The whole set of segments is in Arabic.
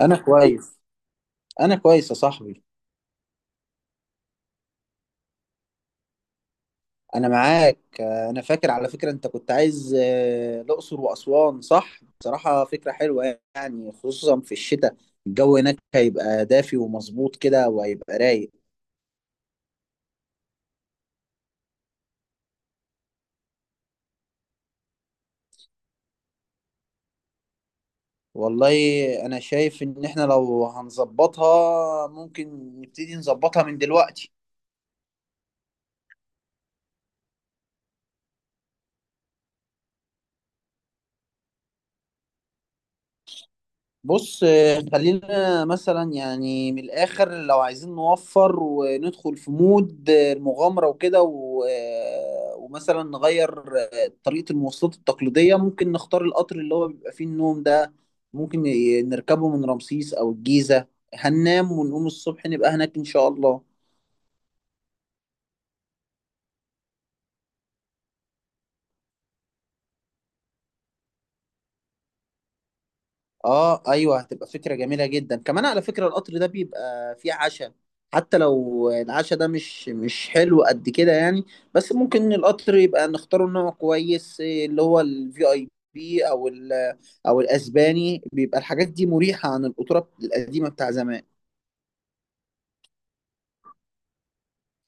انا كويس. انا كويس يا صاحبي. انا معاك، انا فاكر على فكرة انت كنت عايز الاقصر واسوان، صح؟ بصراحة فكرة حلوة يعني، خصوصا في الشتاء. الجو هناك هيبقى دافي ومظبوط كده وهيبقى رايق. والله، انا شايف ان احنا لو هنظبطها ممكن نبتدي نظبطها من دلوقتي. بص، خلينا مثلا يعني من الآخر لو عايزين نوفر وندخل في مود المغامرة وكده، ومثلا نغير طريقة المواصلات التقليدية، ممكن نختار القطر اللي هو بيبقى فيه النوم ده. ممكن نركبه من رمسيس أو الجيزة. هننام ونقوم الصبح نبقى هناك إن شاء الله. اه ايوه، هتبقى فكره جميله جدا، كمان على فكره القطر ده بيبقى فيه عشاء. حتى لو العشاء ده مش حلو قد كده يعني. بس ممكن القطر يبقى نختاره نوع كويس، اللي هو الفي اي بي او ال او الاسباني، بيبقى الحاجات دي مريحه عن القطوره القديمه بتاع زمان.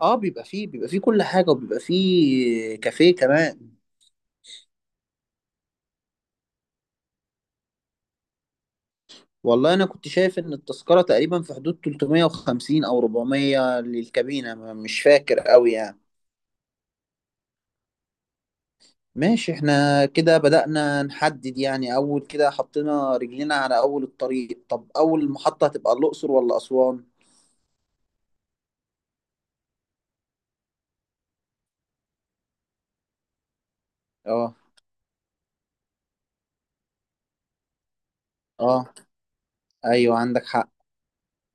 اه، بيبقى فيه كل حاجه، وبيبقى فيه كافيه كمان. والله انا كنت شايف ان التذكره تقريبا في حدود 350 او 400 للكابينه، مش فاكر قوي يعني. ماشي، احنا كده بدأنا نحدد يعني، أول كده حطينا رجلينا على أول الطريق. طب أول محطة هتبقى الأقصر ولا أسوان؟ اه اه، أيوه عندك حق.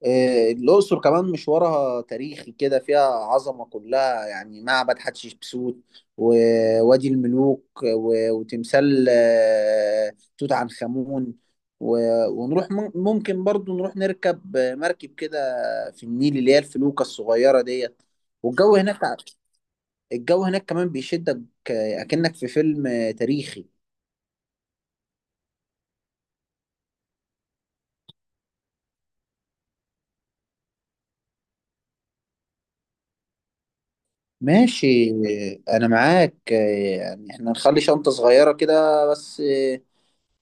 إيه، الأقصر كمان مشوارها تاريخي كده، فيها عظمة كلها يعني، معبد حتشبسوت ووادي الملوك وتمثال توت عنخ آمون، ونروح ممكن برضو نروح نركب مركب كده في النيل، اللي هي الفلوكة الصغيرة ديت. والجو هناك الجو هناك كمان بيشدك، اكنك في فيلم تاريخي. ماشي. انا معاك، يعني احنا نخلي شنطة صغيرة كده بس،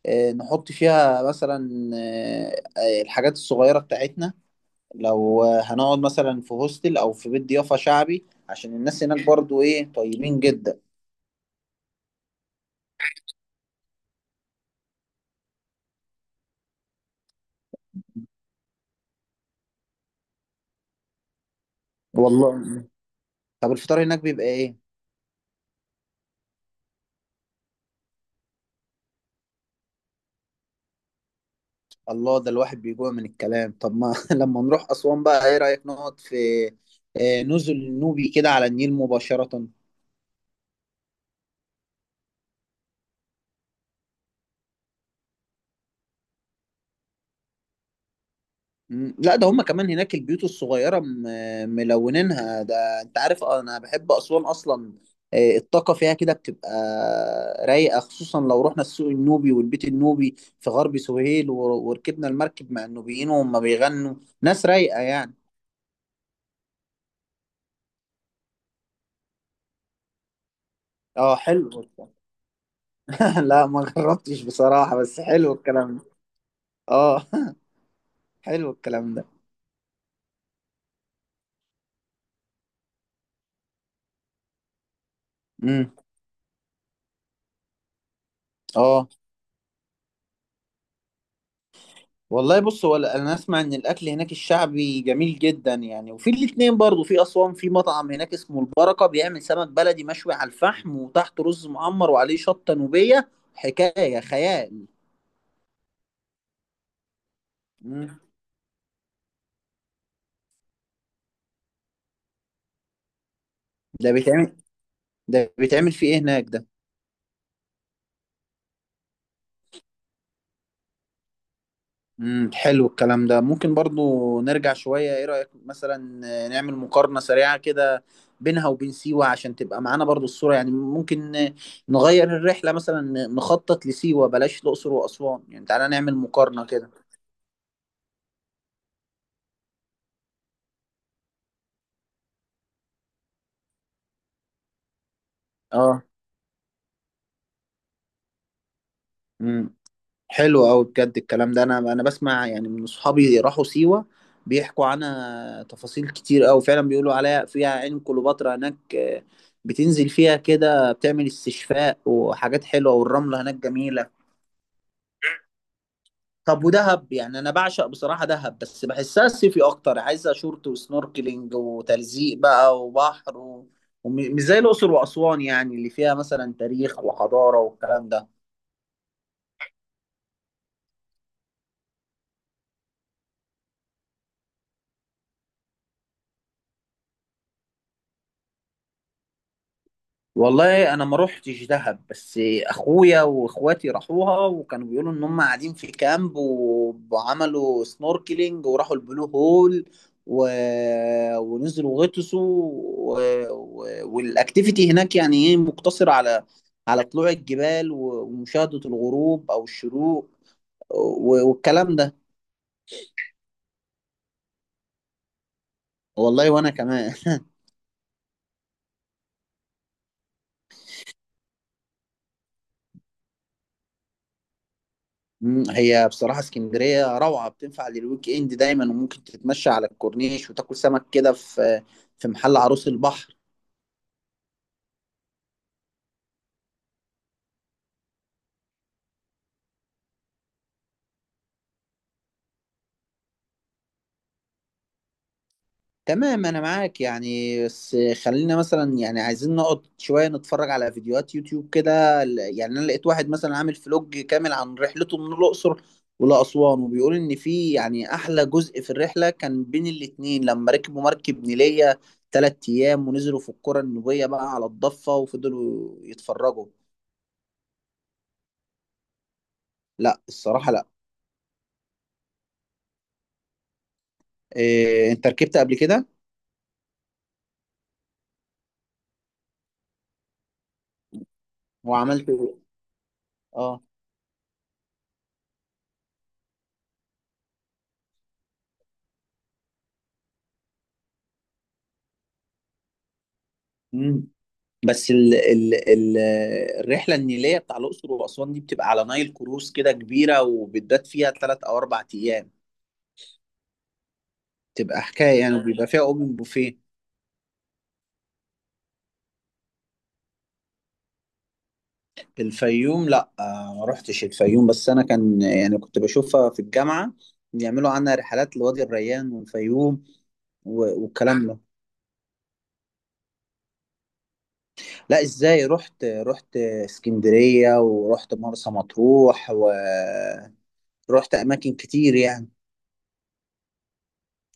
نحط فيها مثلا الحاجات الصغيرة بتاعتنا، لو هنقعد مثلا في هوستل او في بيت ضيافة شعبي، عشان الناس هناك برضو ايه طيبين جدا. والله، طب الفطار هناك بيبقى ايه؟ الله، ده الواحد بيجوع من الكلام. طب ما لما نروح أسوان بقى، ايه رأيك نقعد في نزل النوبي كده على النيل مباشرة. مم، لا، ده هما كمان هناك البيوت الصغيرة ملونينها، ده انت عارف، انا بحب أسوان اصلا. الطاقة فيها كده بتبقى رايقة، خصوصا لو رحنا السوق النوبي والبيت النوبي في غرب سهيل وركبنا المركب مع النوبيين وهم بيغنوا، ناس رايقة يعني. اه، حلو. لا، ما جربتش بصراحة، بس حلو الكلام ده. اه حلو الكلام ده. امم. اه والله، بص، هو انا اسمع ان الاكل هناك الشعبي جميل جدا يعني، وفي الاتنين برضو في اسوان في مطعم هناك اسمه البركه، بيعمل سمك بلدي مشوي على الفحم وتحته رز معمر وعليه شطه نوبيه، حكايه خيال. امم. ده بيتعمل ده بيتعمل في ايه هناك ده؟ حلو الكلام ده، ممكن برضو نرجع شوية، ايه رأيك مثلا نعمل مقارنة سريعة كده بينها وبين سيوة، عشان تبقى معانا برضو الصورة يعني، ممكن نغير الرحلة مثلا، نخطط لسيوة بلاش الأقصر وأسوان يعني، تعالى نعمل مقارنة كده. اه. امم حلو قوي بجد الكلام ده، انا بسمع يعني من اصحابي راحوا سيوة، بيحكوا عنها تفاصيل كتير قوي، فعلا بيقولوا عليها فيها عين كليوباترا هناك، بتنزل فيها كده بتعمل استشفاء وحاجات حلوة، والرملة هناك جميلة. طب ودهب يعني، انا بعشق بصراحه دهب، بس بحسها صيفي اكتر، عايزه شورت وسنوركلينج وتلزيق بقى وبحر، ومش زي الاقصر واسوان يعني، اللي فيها مثلا تاريخ وحضاره والكلام ده. والله، انا ما روحتش دهب، بس اخويا واخواتي راحوها وكانوا بيقولوا ان هم قاعدين في كامب، وعملوا سنوركلينج وراحوا البلو هول، و... ونزلوا غطسوا، و... والاكتيفيتي هناك يعني ايه، مقتصرة على طلوع الجبال ومشاهدة الغروب او الشروق، والكلام ده. والله وانا كمان. هي بصراحة اسكندرية روعة، بتنفع للويك اند دايما، وممكن تتمشى على الكورنيش وتاكل سمك كده في محل عروس البحر. تمام، انا معاك يعني، بس خلينا مثلا يعني عايزين نقعد شوية نتفرج على فيديوهات يوتيوب كده، يعني انا لقيت واحد مثلا عامل فلوج كامل عن رحلته من الأقصر ولأسوان، وبيقول ان في يعني احلى جزء في الرحلة كان بين الاتنين، لما ركبوا مركب نيلية تلات ايام ونزلوا في القرى النوبية بقى على الضفة وفضلوا يتفرجوا. لا، الصراحة لا. إيه، انت ركبت قبل كده وعملت إيه؟ اه. مم. بس ال... ال... ال... الرحله النيليه بتاع الاقصر واسوان دي بتبقى على نايل كروز كده كبيره، وبتبات فيها ثلاث او اربع ايام، تبقى حكايه يعني، وبيبقى فيها اوبن بوفيه. الفيوم لا، ما رحتش الفيوم، بس انا كان يعني كنت بشوفها في الجامعه، بيعملوا عنها رحلات لوادي الريان والفيوم والكلام ده. لا ازاي، رحت اسكندريه ورحت مرسى مطروح، رحت اماكن كتير يعني،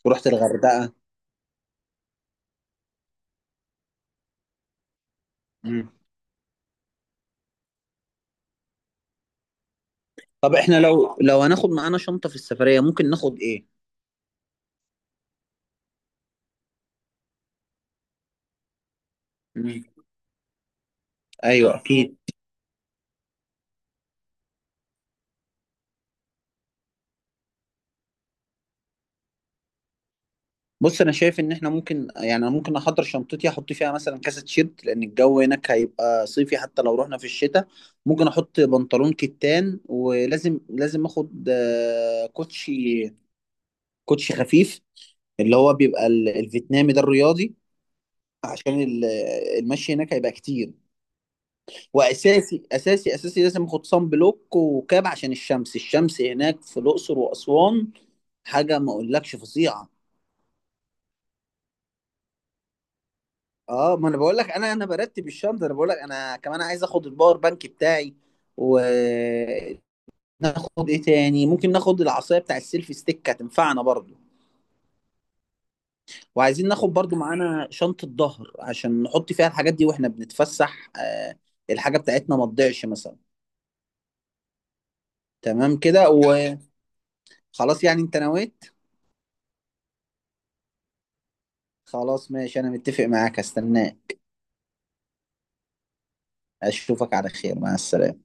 ورحت الغردقه. مم. طب احنا لو هناخد معانا شنطه في السفريه ممكن ناخد ايه؟ مم. ايوه اكيد. بص، انا شايف ان احنا ممكن يعني، انا ممكن احضر شنطتي، احط فيها مثلا كاسه تيشيرت لان الجو هناك هيبقى صيفي حتى لو رحنا في الشتاء، ممكن احط بنطلون كتان. ولازم لازم اخد كوتشي خفيف، اللي هو بيبقى الفيتنامي ده الرياضي، عشان المشي هناك هيبقى كتير. واساسي اساسي اساسي لازم اخد صن بلوك وكاب، عشان الشمس هناك في الاقصر واسوان حاجه ما اقولكش فظيعه. اه، ما انا بقول لك، انا برتب الشنطه. انا بقول لك انا كمان عايز اخد الباور بانك بتاعي، وناخد ايه تاني؟ ممكن ناخد العصايه بتاع السيلفي ستيك، هتنفعنا برضو. وعايزين ناخد برضو معانا شنطه ظهر، عشان نحط فيها الحاجات دي واحنا بنتفسح، الحاجه بتاعتنا ما تضيعش مثلا. تمام كده. وخلاص يعني، انت نويت؟ خلاص ماشي، انا متفق معاك، استناك. اشوفك على خير، مع السلامة.